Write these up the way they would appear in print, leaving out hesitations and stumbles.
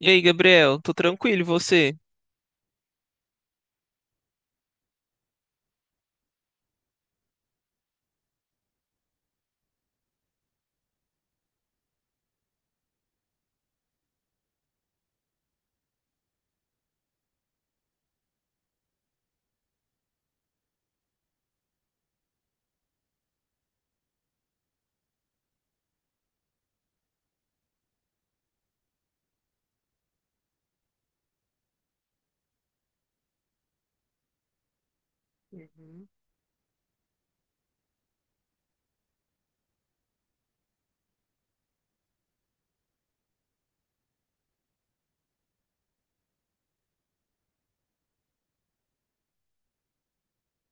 E aí, Gabriel, tô tranquilo, e você?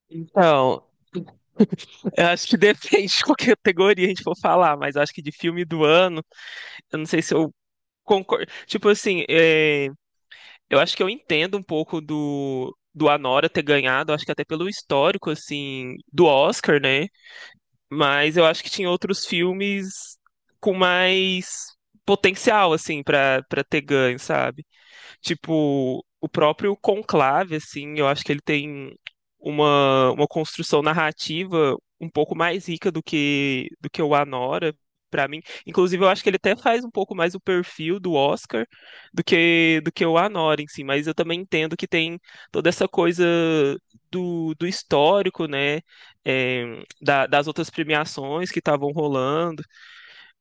Então, eu acho que depende de qual categoria a gente for falar, mas eu acho que de filme do ano, eu não sei se eu concordo. Tipo assim, eu acho que eu entendo um pouco do Anora ter ganhado, acho que até pelo histórico, assim, do Oscar, né? Mas eu acho que tinha outros filmes com mais potencial, assim, pra ter ganho, sabe? Tipo, o próprio Conclave, assim, eu acho que ele tem uma construção narrativa um pouco mais rica do que o Anora, pra mim. Inclusive, eu acho que ele até faz um pouco mais o perfil do Oscar do que o Anora em si, mas eu também entendo que tem toda essa coisa do histórico, né? Das outras premiações que estavam rolando.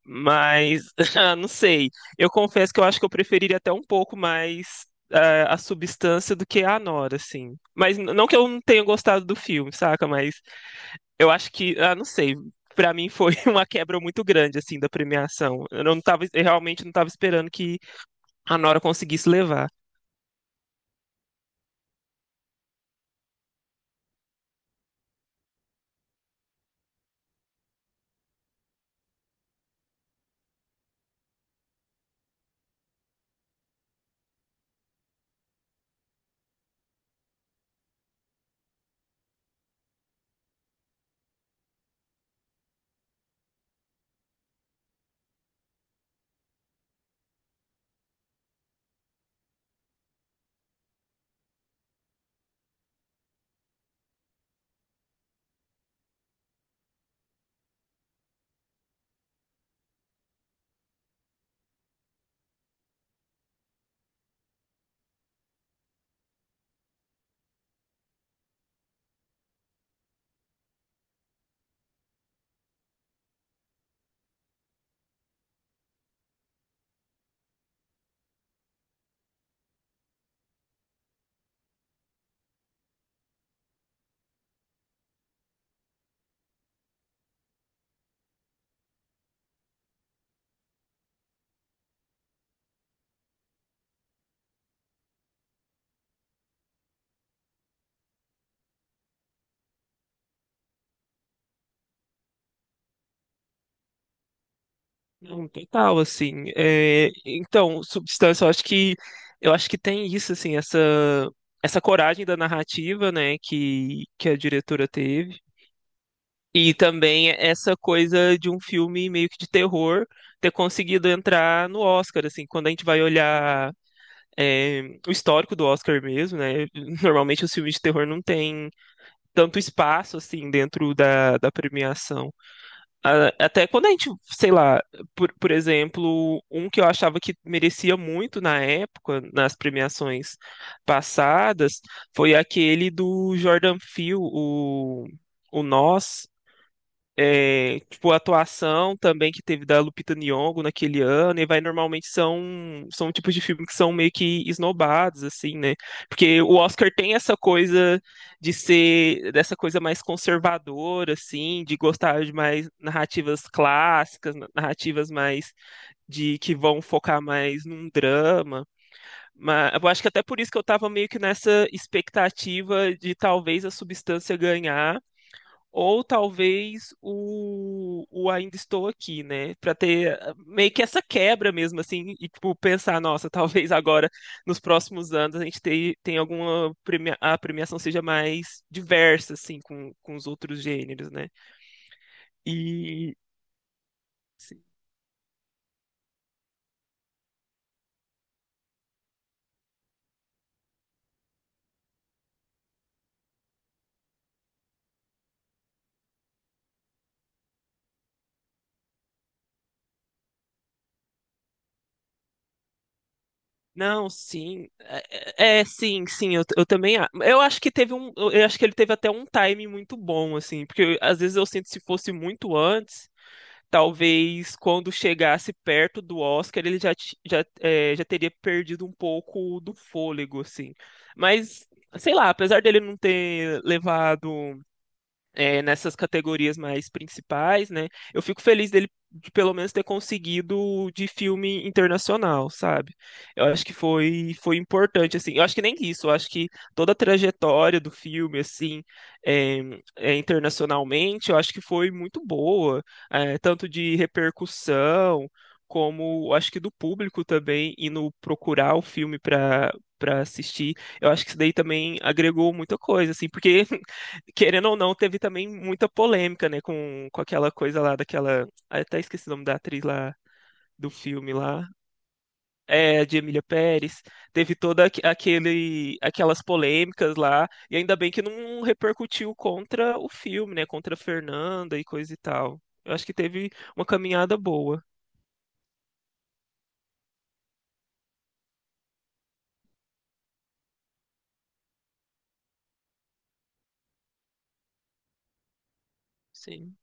Mas, ah, não sei. Eu confesso que eu acho que eu preferiria até um pouco mais a substância do que a Nora, assim. Mas não que eu não tenha gostado do filme, saca? Mas eu acho que, ah, não sei. Pra mim foi uma quebra muito grande, assim, da premiação. Eu realmente não tava esperando que a Nora conseguisse levar. Não, total, assim. Eh, então, substância, eu acho que tem isso, assim, essa coragem da narrativa, né, que a diretora teve. E também essa coisa de um filme meio que de terror ter conseguido entrar no Oscar, assim, quando a gente vai olhar é, o histórico do Oscar mesmo, né? Normalmente os filmes de terror não têm tanto espaço, assim, dentro da premiação. Até quando a gente, sei lá, por exemplo, um que eu achava que merecia muito na época, nas premiações passadas, foi aquele do Jordan Peele, o Nós. É, tipo, a atuação também que teve da Lupita Nyong'o naquele ano, e vai normalmente são tipos de filme que são meio que esnobados assim, né? Porque o Oscar tem essa coisa de ser dessa coisa mais conservadora assim, de gostar de mais narrativas clássicas, narrativas mais de que vão focar mais num drama. Mas eu acho que até por isso que eu tava meio que nessa expectativa de talvez a Substância ganhar ou talvez o Ainda Estou Aqui, né? Pra ter ah, meio que essa quebra mesmo, assim, e tipo, pensar, nossa, talvez agora, nos próximos anos, a gente tem, tem alguma premia, a premiação seja mais diversa, assim, com os outros gêneros, né? E. Sim. Não, sim. Sim, sim, eu também. Eu acho que teve um. Eu acho que ele teve até um time muito bom, assim, porque às vezes eu sinto se fosse muito antes. Talvez quando chegasse perto do Oscar ele já, já teria perdido um pouco do fôlego, assim. Mas, sei lá, apesar dele não ter levado nessas categorias mais principais, né? Eu fico feliz dele de pelo menos ter conseguido de filme internacional, sabe? Eu acho que foi importante, assim. Eu acho que nem isso, eu acho que toda a trajetória do filme, assim, é, internacionalmente, eu acho que foi muito boa, é, tanto de repercussão como eu acho que do público também indo procurar o filme para assistir. Eu acho que isso daí também agregou muita coisa, assim, porque querendo ou não, teve também muita polêmica, né, com aquela coisa lá daquela. Ah, eu até esqueci o nome da atriz lá do filme lá. É, de Emília Pérez. Teve toda aquelas polêmicas lá. E ainda bem que não repercutiu contra o filme, né? Contra a Fernanda e coisa e tal. Eu acho que teve uma caminhada boa. Sim.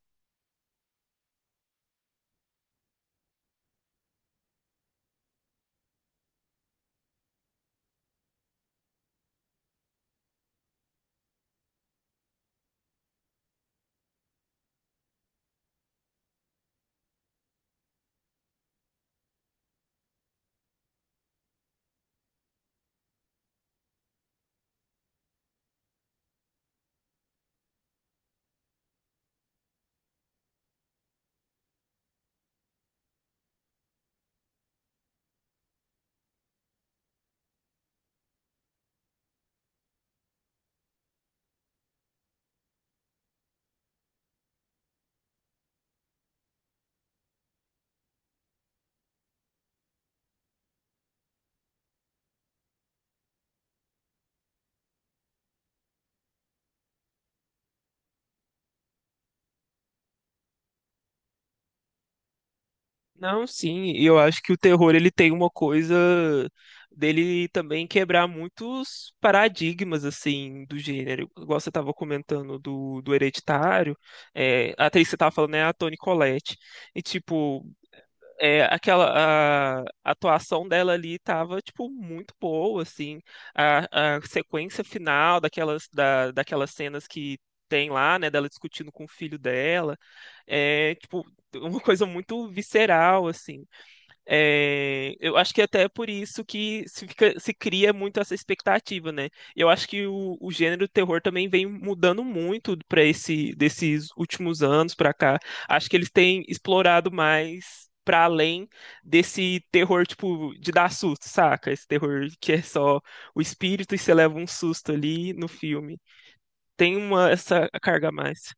Não, sim, e eu acho que o terror ele tem uma coisa dele também quebrar muitos paradigmas assim do gênero. Igual você estava comentando do Hereditário, é, a atriz que você estava falando é a Toni Collette. E tipo, é, aquela a atuação dela ali tava tipo muito boa assim a sequência final daquelas cenas que tem lá, né, dela discutindo com o filho dela, é tipo uma coisa muito visceral assim. É, eu acho que até é por isso que se cria muito essa expectativa, né? Eu acho que o gênero terror também vem mudando muito para esse desses últimos anos para cá. Acho que eles têm explorado mais para além desse terror tipo de dar susto, saca? Esse terror que é só o espírito e você leva um susto ali no filme. Tem uma essa carga a mais.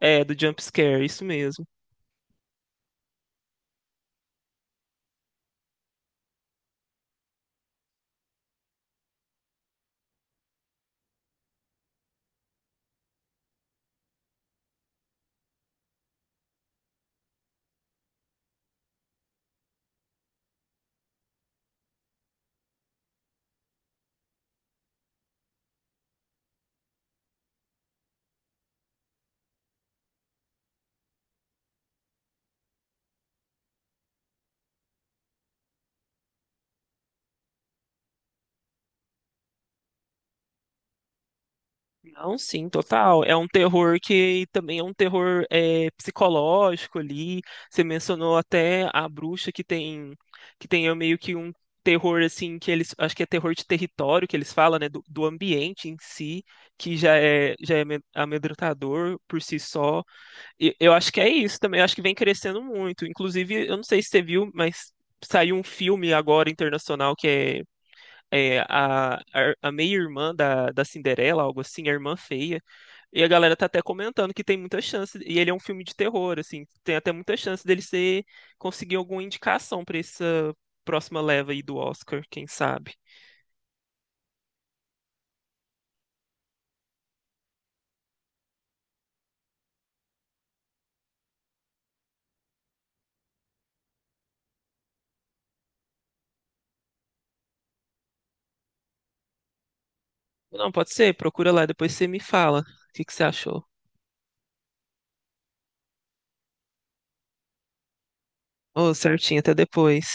É, do jump scare, isso mesmo. Não, sim, total. É um terror que também é um terror é, psicológico ali. Você mencionou até a bruxa que tem meio que um terror assim que eles acho que é terror de território que eles falam, né, do ambiente em si, que já é amedrontador por si só. E eu acho que é isso também. Eu acho que vem crescendo muito. Inclusive, eu não sei se você viu, mas saiu um filme agora internacional que é, é a meia-irmã da Cinderela, algo assim, a irmã feia. E a galera tá até comentando que tem muita chance, e ele é um filme de terror, assim, tem até muita chance dele ser, conseguir alguma indicação pra essa próxima leva aí do Oscar, quem sabe. Não, pode ser, procura lá, depois você me fala o que você achou. Ô, certinho, até depois.